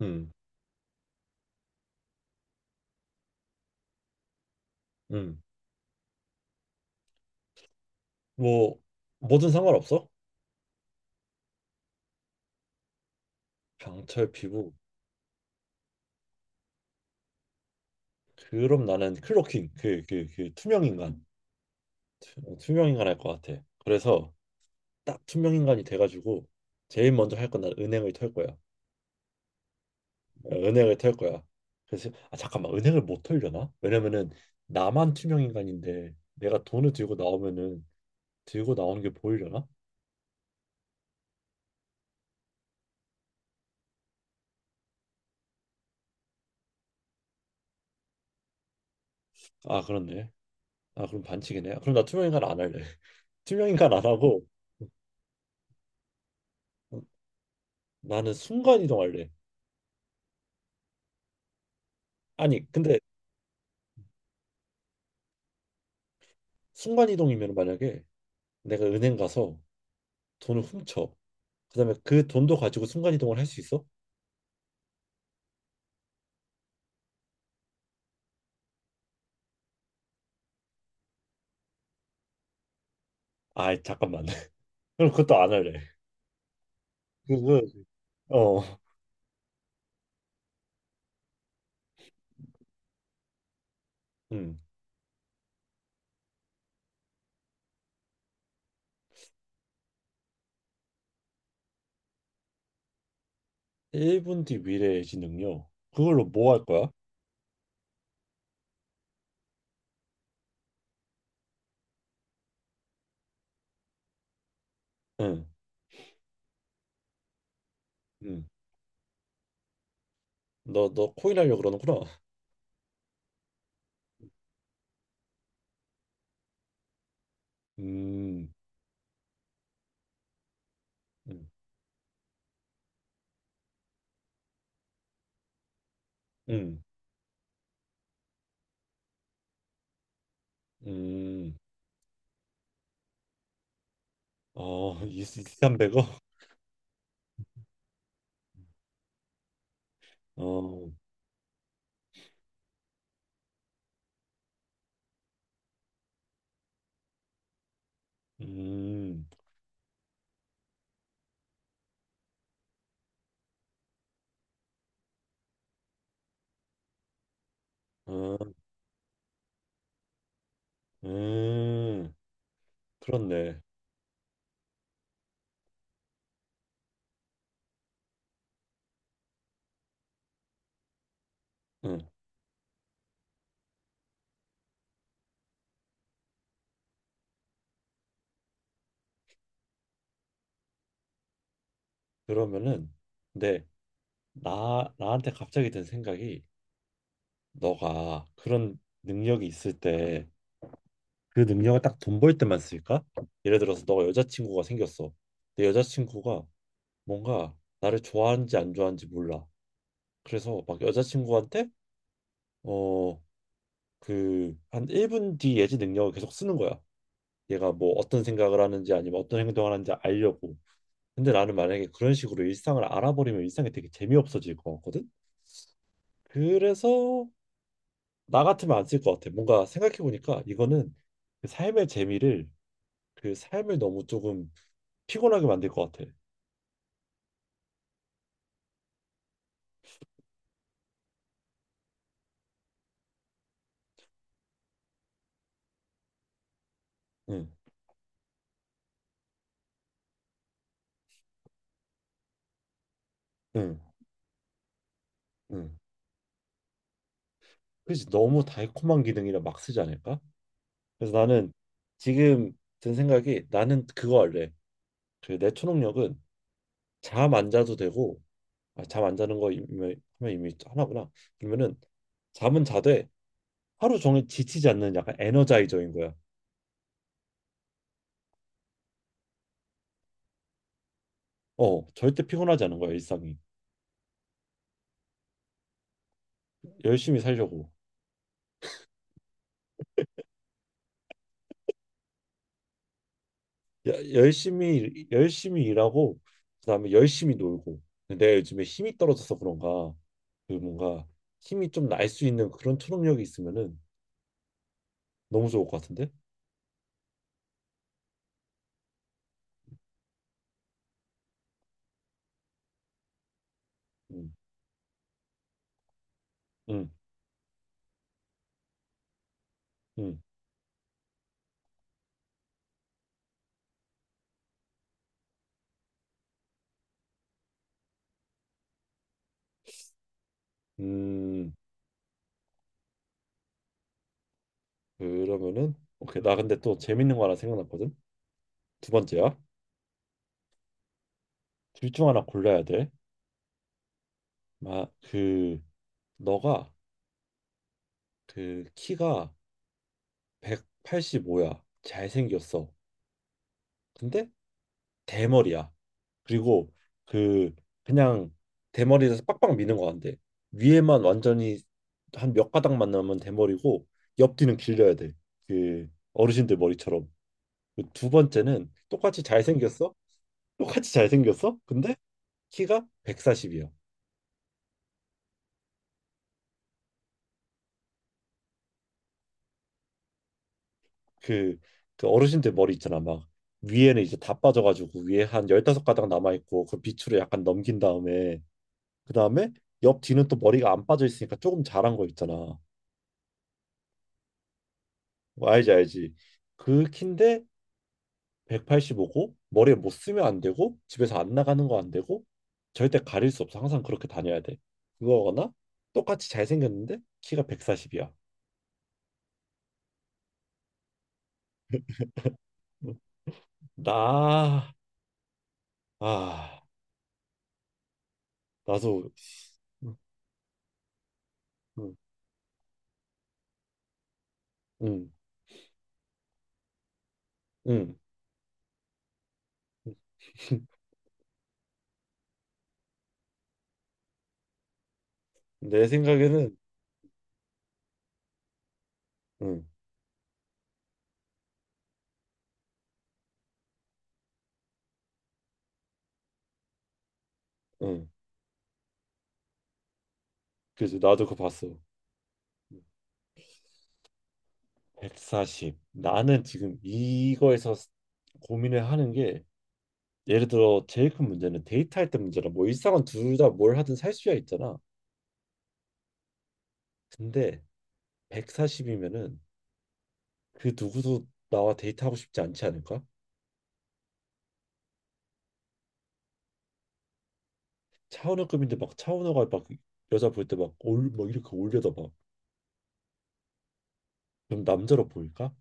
음, 음. 뭐 뭐든 상관없어? 강철 피부. 그럼 나는 클로킹 그 투명 인간. 투명 인간 할 것 같아. 그래서 딱 투명 인간이 돼가지고 제일 먼저 할 건 난 은행을 털 거야. 은행을 털 거야. 그래서 아, 잠깐만, 은행을 못 털려나? 왜냐면은 나만 투명 인간인데 내가 돈을 들고 나오면은 들고 나오는 게 보이려나? 아, 그렇네. 아, 그럼 반칙이네. 그럼 나 투명 인간 안 할래. 투명 인간 안 하고 나는 순간 이동할래. 아니 근데 순간이동이면 만약에 내가 은행 가서 돈을 훔쳐 그다음에 그 돈도 가지고 순간이동을 할 수 있어? 아, 잠깐만. 그럼 그것도 안 할래. 그거 어 응. 1분 뒤 미래의 능요, 그걸로 뭐 할 거야? 응. 응. 너 코인 하려고 그러는구나. 음. 음. 음. 음. 어, 2,300억? 어. 음. 어. 음. 그렇네. 응. 그러면은, 네. 나 나한테 갑자기 든 생각이, 너가 그런 능력이 있을 때 그 능력을 딱 돈 벌 때만 쓸까? 예를 들어서 너가 여자친구가 생겼어. 내 여자친구가 뭔가 나를 좋아하는지 안 좋아하는지 몰라. 그래서 막 여자친구한테 어 한 1분 뒤 예지 능력을 계속 쓰는 거야. 얘가 뭐 어떤 생각을 하는지 아니면 어떤 행동을 하는지 알려고. 근데 나는 만약에 그런 식으로 일상을 알아버리면 일상이 되게 재미없어질 것 같거든. 그래서 나 같으면 안 쓸 것 같아. 뭔가 생각해 보니까 이거는 그 삶의 재미를 그 삶을 너무 조금 피곤하게 만들 것 같아. 응, 응, 응. 그렇지. 너무 달콤한 기능이라 막 쓰지 않을까? 그래서 나는, 지금 든 생각이, 나는 그거 할래. 그 내 초능력은 잠 안 자도 되고. 아, 잠안 자는 거 이미, 하면 이미 하나구나. 그러면은 잠은 자되 하루 종일 지치지 않는 약간 에너자이저인 거야. 어, 절대 피곤하지 않은 거야, 일상이. 열심히 살려고. 열심히 일하고 그다음에 열심히 놀고. 근데 내가 요즘에 힘이 떨어져서 그런가, 그 뭔가 힘이 좀 날 수 있는 그런 초능력이 있으면은 너무 좋을 것 같은데. 음음음음. 그러면은 오케이, 나 근데 또 재밌는 거 하나 생각났거든. 두 번째야. 둘 중 하나 골라야 돼막그. 너가 그 키가 185야, 잘생겼어, 근데 대머리야. 그리고 그 그냥 대머리에서 빡빡 미는 거 같은데 위에만 완전히, 한 몇 가닥만 남으면 대머리고 옆뒤는 길려야 돼. 그 어르신들 머리처럼. 그두 번째는 똑같이 잘생겼어? 똑같이 잘생겼어, 근데 키가 140이야. 그, 그 어르신들 머리 있잖아. 막 위에는 이제 다 빠져가지고 위에 한 15가닥 남아있고 그 밑으로 약간 넘긴 다음에, 그 다음에 옆 뒤는 또 머리가 안 빠져 있으니까 조금 자란 거 있잖아. 뭐, 알지 알지. 그 키인데 185고 머리에 못 쓰면 안 되고 집에서 안 나가는 거 안 되고, 절대 가릴 수 없어. 항상 그렇게 다녀야 돼. 그거거나 똑같이 잘생겼는데 키가 140이야. 나, 아, 나도, 응, 응, 응, 응. 내 생각에는, 응, 응. 그래서 나도 그거 봤어. 140. 나는 지금 이거에서 고민을 하는 게, 예를 들어 제일 큰 문제는 데이트할 때 문제라, 뭐 일상은 둘 다 뭘 하든 살 수야 있잖아. 근데 140이면은 그 누구도 나와 데이트하고 싶지 않지 않을까? 차은우급인데 막 차은우가 막 여자 볼 때 막 올 막 이렇게 올려다 봐. 그럼 남자로 보일까?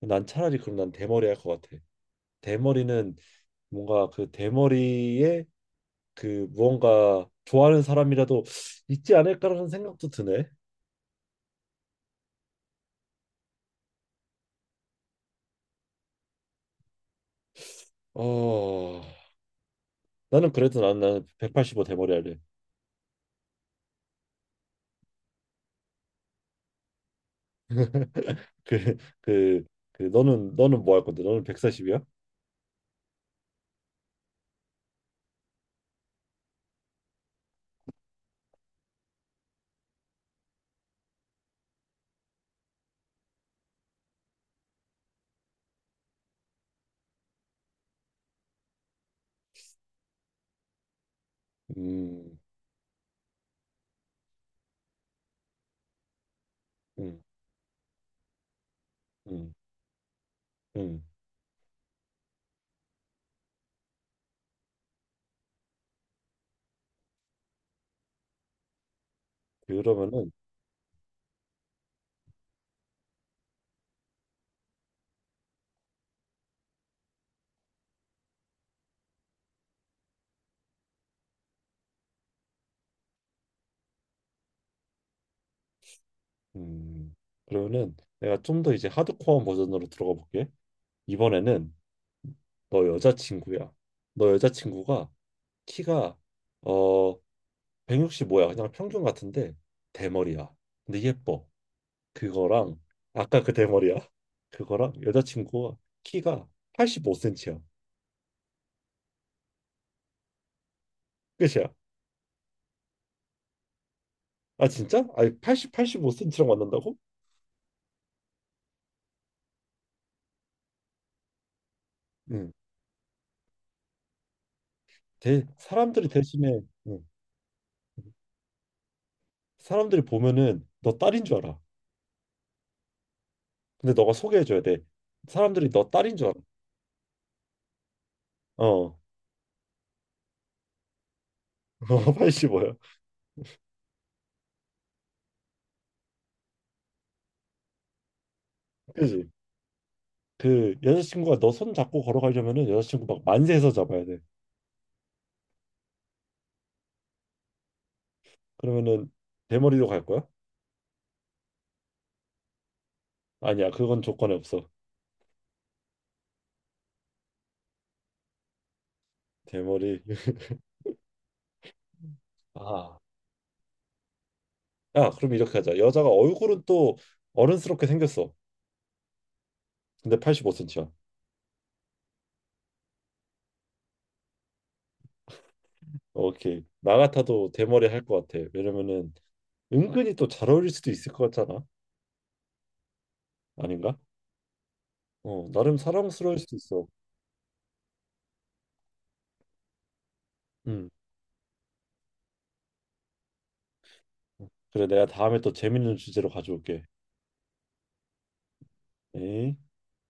난 차라리, 그럼 난 대머리 할 것 같아. 대머리는 뭔가, 그 대머리에 그 무언가 좋아하는 사람이라도 있지 않을까라는 생각도 드네. 어 나는 그래도 난 나는 185 대머리 할래. 그, 그, 너는 뭐 할 건데? 너는 140이야? 음, 음, 음, 음. 그러면은, 음, 내가 좀 더 이제 하드코어 버전으로 들어가 볼게. 이번에는 너 여자친구야. 너 여자친구가 키가 어 165야. 그냥 평균 같은데 대머리야. 근데 예뻐. 그거랑 아까 그 대머리야. 그거랑 여자친구가 키가 85cm야. 끝이야. 아, 진짜? 아니, 8 85cm랑 만난다고? 응. 사람들이 대신에, 응, 사람들이 보면은 너 딸인 줄 알아. 근데 너가 소개해줘야 돼. 사람들이 너 딸인 줄 알아. 어, 85야. 그지? 그 여자친구가 너 손 잡고 걸어가려면은 여자친구 막 만세해서 잡아야 돼. 그러면은 대머리로 갈 거야? 아니야, 그건 조건에 없어. 대머리. 아, 야, 그럼 이렇게 하자. 여자가 얼굴은 또 어른스럽게 생겼어. 근데 85cm야. 오케이. 나 같아도 대머리 할 것 같아. 왜냐면은 은근히 또 잘 어울릴 수도 있을 것 같잖아. 아닌가? 어, 나름 사랑스러울 수도 있어. 음. 그래, 내가 다음에 또 재밌는 주제로 가져올게. 에이.